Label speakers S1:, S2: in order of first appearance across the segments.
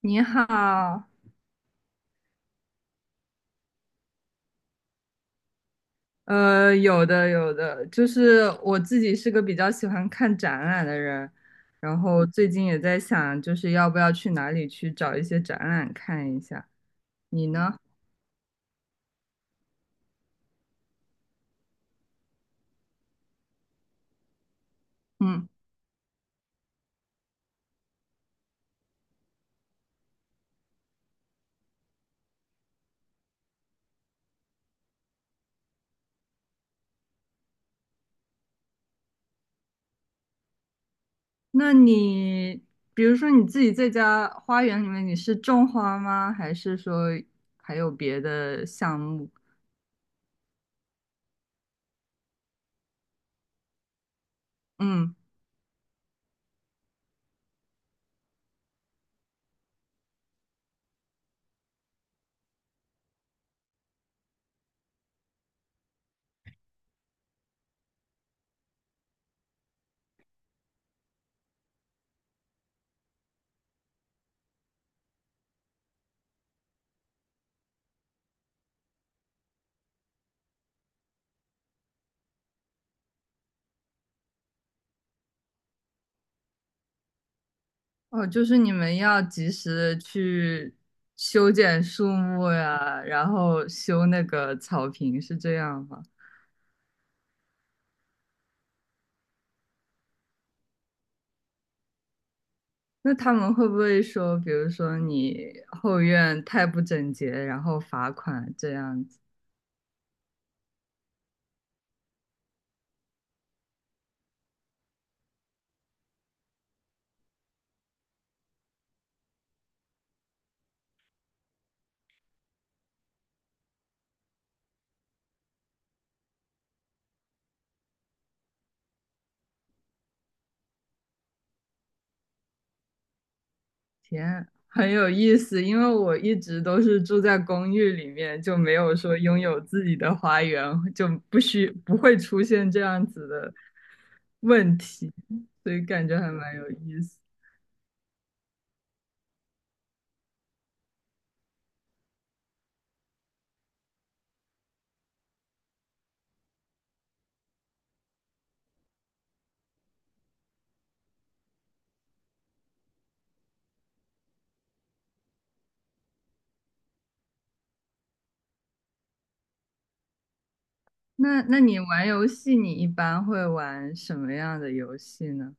S1: 你好，有的有的，就是我自己是个比较喜欢看展览的人，然后最近也在想，就是要不要去哪里去找一些展览看一下。你呢？嗯，那你比如说你自己在家花园里面，你是种花吗？还是说还有别的项目？嗯。哦，就是你们要及时的去修剪树木呀，然后修那个草坪，是这样吗？那他们会不会说，比如说你后院太不整洁，然后罚款这样子？天，很有意思，因为我一直都是住在公寓里面，就没有说拥有自己的花园，就不会出现这样子的问题，所以感觉还蛮有意思。那你玩游戏，你一般会玩什么样的游戏呢？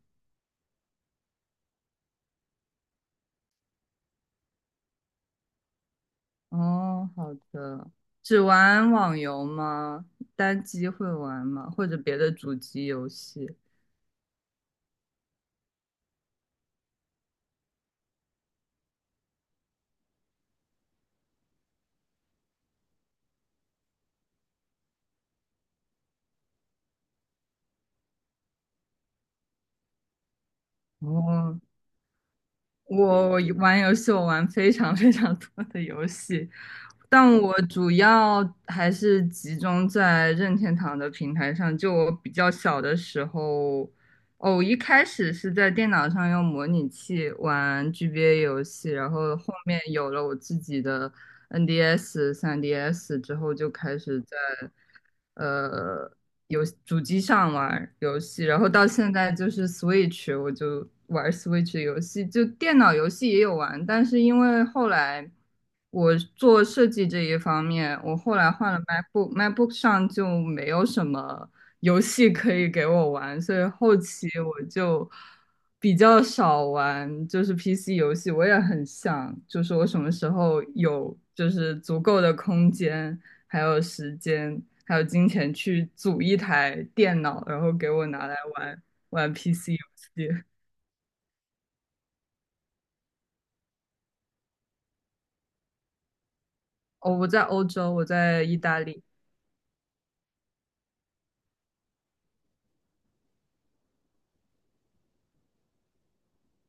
S1: 哦，好的，只玩网游吗？单机会玩吗？或者别的主机游戏？哦，我玩游戏，我玩非常非常多的游戏，但我主要还是集中在任天堂的平台上。就我比较小的时候，哦，一开始是在电脑上用模拟器玩 GBA 游戏，然后后面有了我自己的 NDS、3DS 之后，就开始在呃游主机上玩游戏，然后到现在就是 Switch，我就玩 Switch 游戏，就电脑游戏也有玩，但是因为后来我做设计这一方面，我后来换了 MacBook，MacBook 上就没有什么游戏可以给我玩，所以后期我就比较少玩，就是 PC 游戏，我也很想，就是我什么时候有就是足够的空间。还有时间，还有金钱去组一台电脑，然后给我拿来玩玩 PC 游戏。哦，我在欧洲，我在意大利。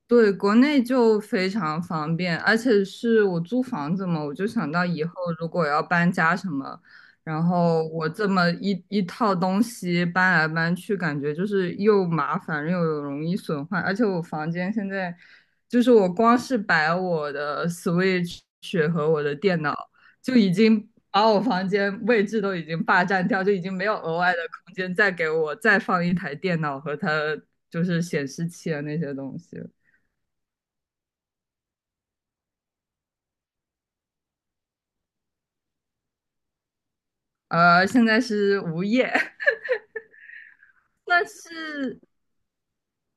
S1: 对，国内就非常方便，而且是我租房子嘛，我就想到以后如果要搬家什么，然后我这么一套东西搬来搬去，感觉就是又麻烦又容易损坏，而且我房间现在就是我光是摆我的 Switch 和我的电脑，就已经把我房间位置都已经霸占掉，就已经没有额外的空间再给我再放一台电脑和它就是显示器啊那些东西。现在是无业，但是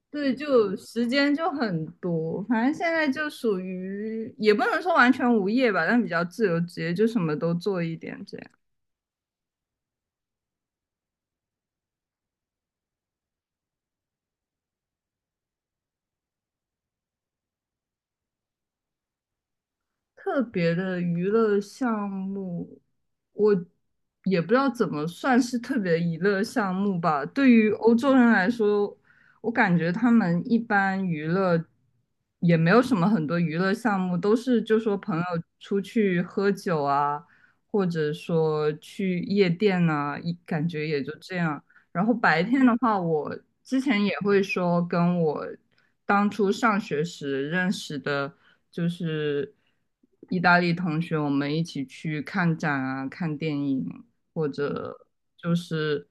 S1: 对，就时间就很多，反正现在就属于也不能说完全无业吧，但比较自由职业，就什么都做一点这样。特别的娱乐项目，我也不知道怎么算是特别的娱乐项目吧。对于欧洲人来说，我感觉他们一般娱乐也没有什么很多娱乐项目，都是就说朋友出去喝酒啊，或者说去夜店呐，一感觉也就这样。然后白天的话，我之前也会说跟我当初上学时认识的，就是意大利同学，我们一起去看展啊、看电影，或者就是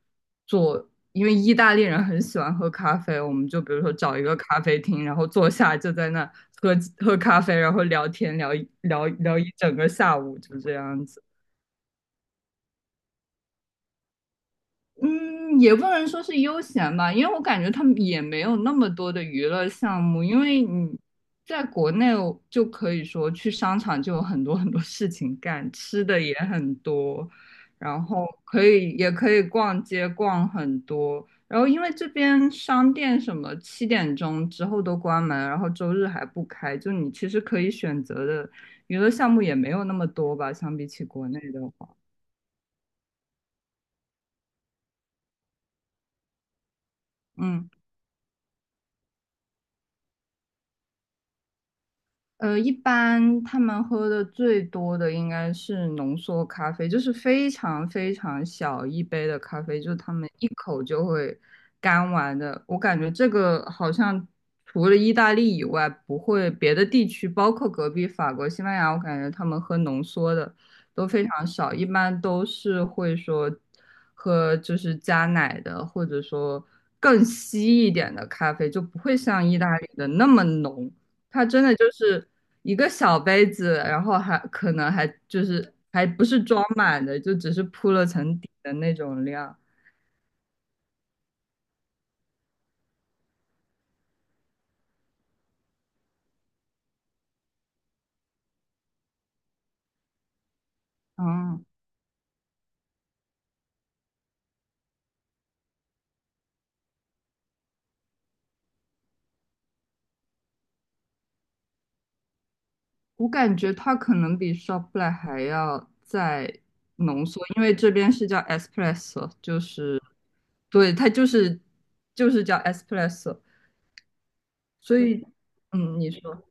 S1: 做，因为意大利人很喜欢喝咖啡，我们就比如说找一个咖啡厅，然后坐下就在那喝喝咖啡，然后聊天聊一聊聊一整个下午，就这样子。嗯，也不能说是悠闲吧，因为我感觉他们也没有那么多的娱乐项目，因为你在国内就可以说去商场就有很多很多事情干，吃的也很多，然后可以也可以逛街逛很多，然后因为这边商店什么7点钟之后都关门，然后周日还不开，就你其实可以选择的娱乐项目也没有那么多吧，相比起国内的话，嗯。一般他们喝的最多的应该是浓缩咖啡，就是非常非常小一杯的咖啡，就是他们一口就会干完的。我感觉这个好像除了意大利以外，不会别的地区，包括隔壁法国、西班牙，我感觉他们喝浓缩的都非常少，一般都是会说喝就是加奶的，或者说更稀一点的咖啡，就不会像意大利的那么浓。它真的就是一个小杯子，然后还可能还就是还不是装满的，就只是铺了层底的那种量。嗯，我感觉它可能比 Shopify 还要再浓缩，因为这边是叫 espresso，就是对，它就是叫 espresso，所以你说。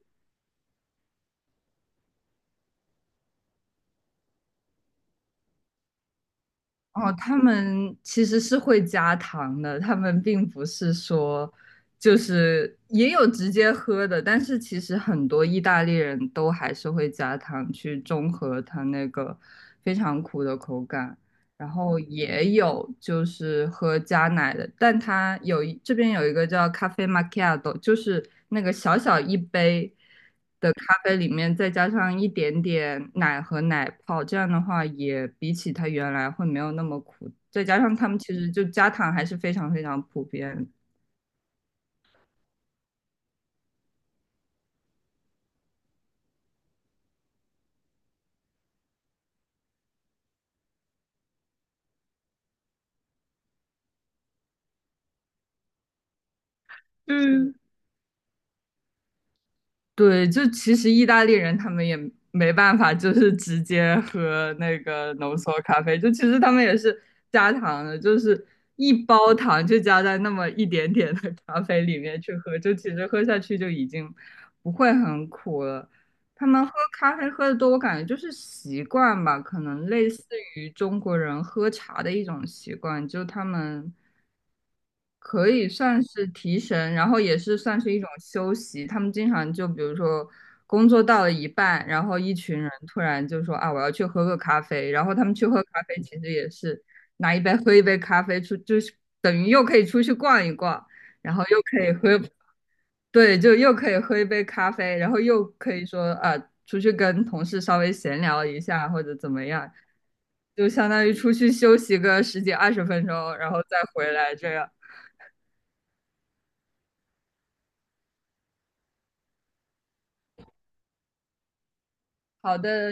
S1: 哦，他们其实是会加糖的，他们并不是说就是也有直接喝的，但是其实很多意大利人都还是会加糖去中和它那个非常苦的口感，然后也有就是喝加奶的，但它这边有一个叫咖啡 m a c c 就是那个小小一杯。咖啡里面再加上一点点奶和奶泡，这样的话也比起它原来会没有那么苦。再加上他们其实就加糖还是非常非常普遍。嗯。对，就其实意大利人他们也没办法，就是直接喝那个浓缩咖啡，就其实他们也是加糖的，就是一包糖就加在那么一点点的咖啡里面去喝，就其实喝下去就已经不会很苦了。他们喝咖啡喝的多，我感觉就是习惯吧，可能类似于中国人喝茶的一种习惯，就他们可以算是提神，然后也是算是一种休息。他们经常就比如说工作到了一半，然后一群人突然就说啊，我要去喝个咖啡。然后他们去喝咖啡，其实也是拿一杯喝一杯咖啡出，就是等于又可以出去逛一逛，然后又可以喝，对，就又可以喝一杯咖啡，然后又可以说啊，出去跟同事稍微闲聊一下或者怎么样，就相当于出去休息个十几二十分钟，然后再回来这样。好的。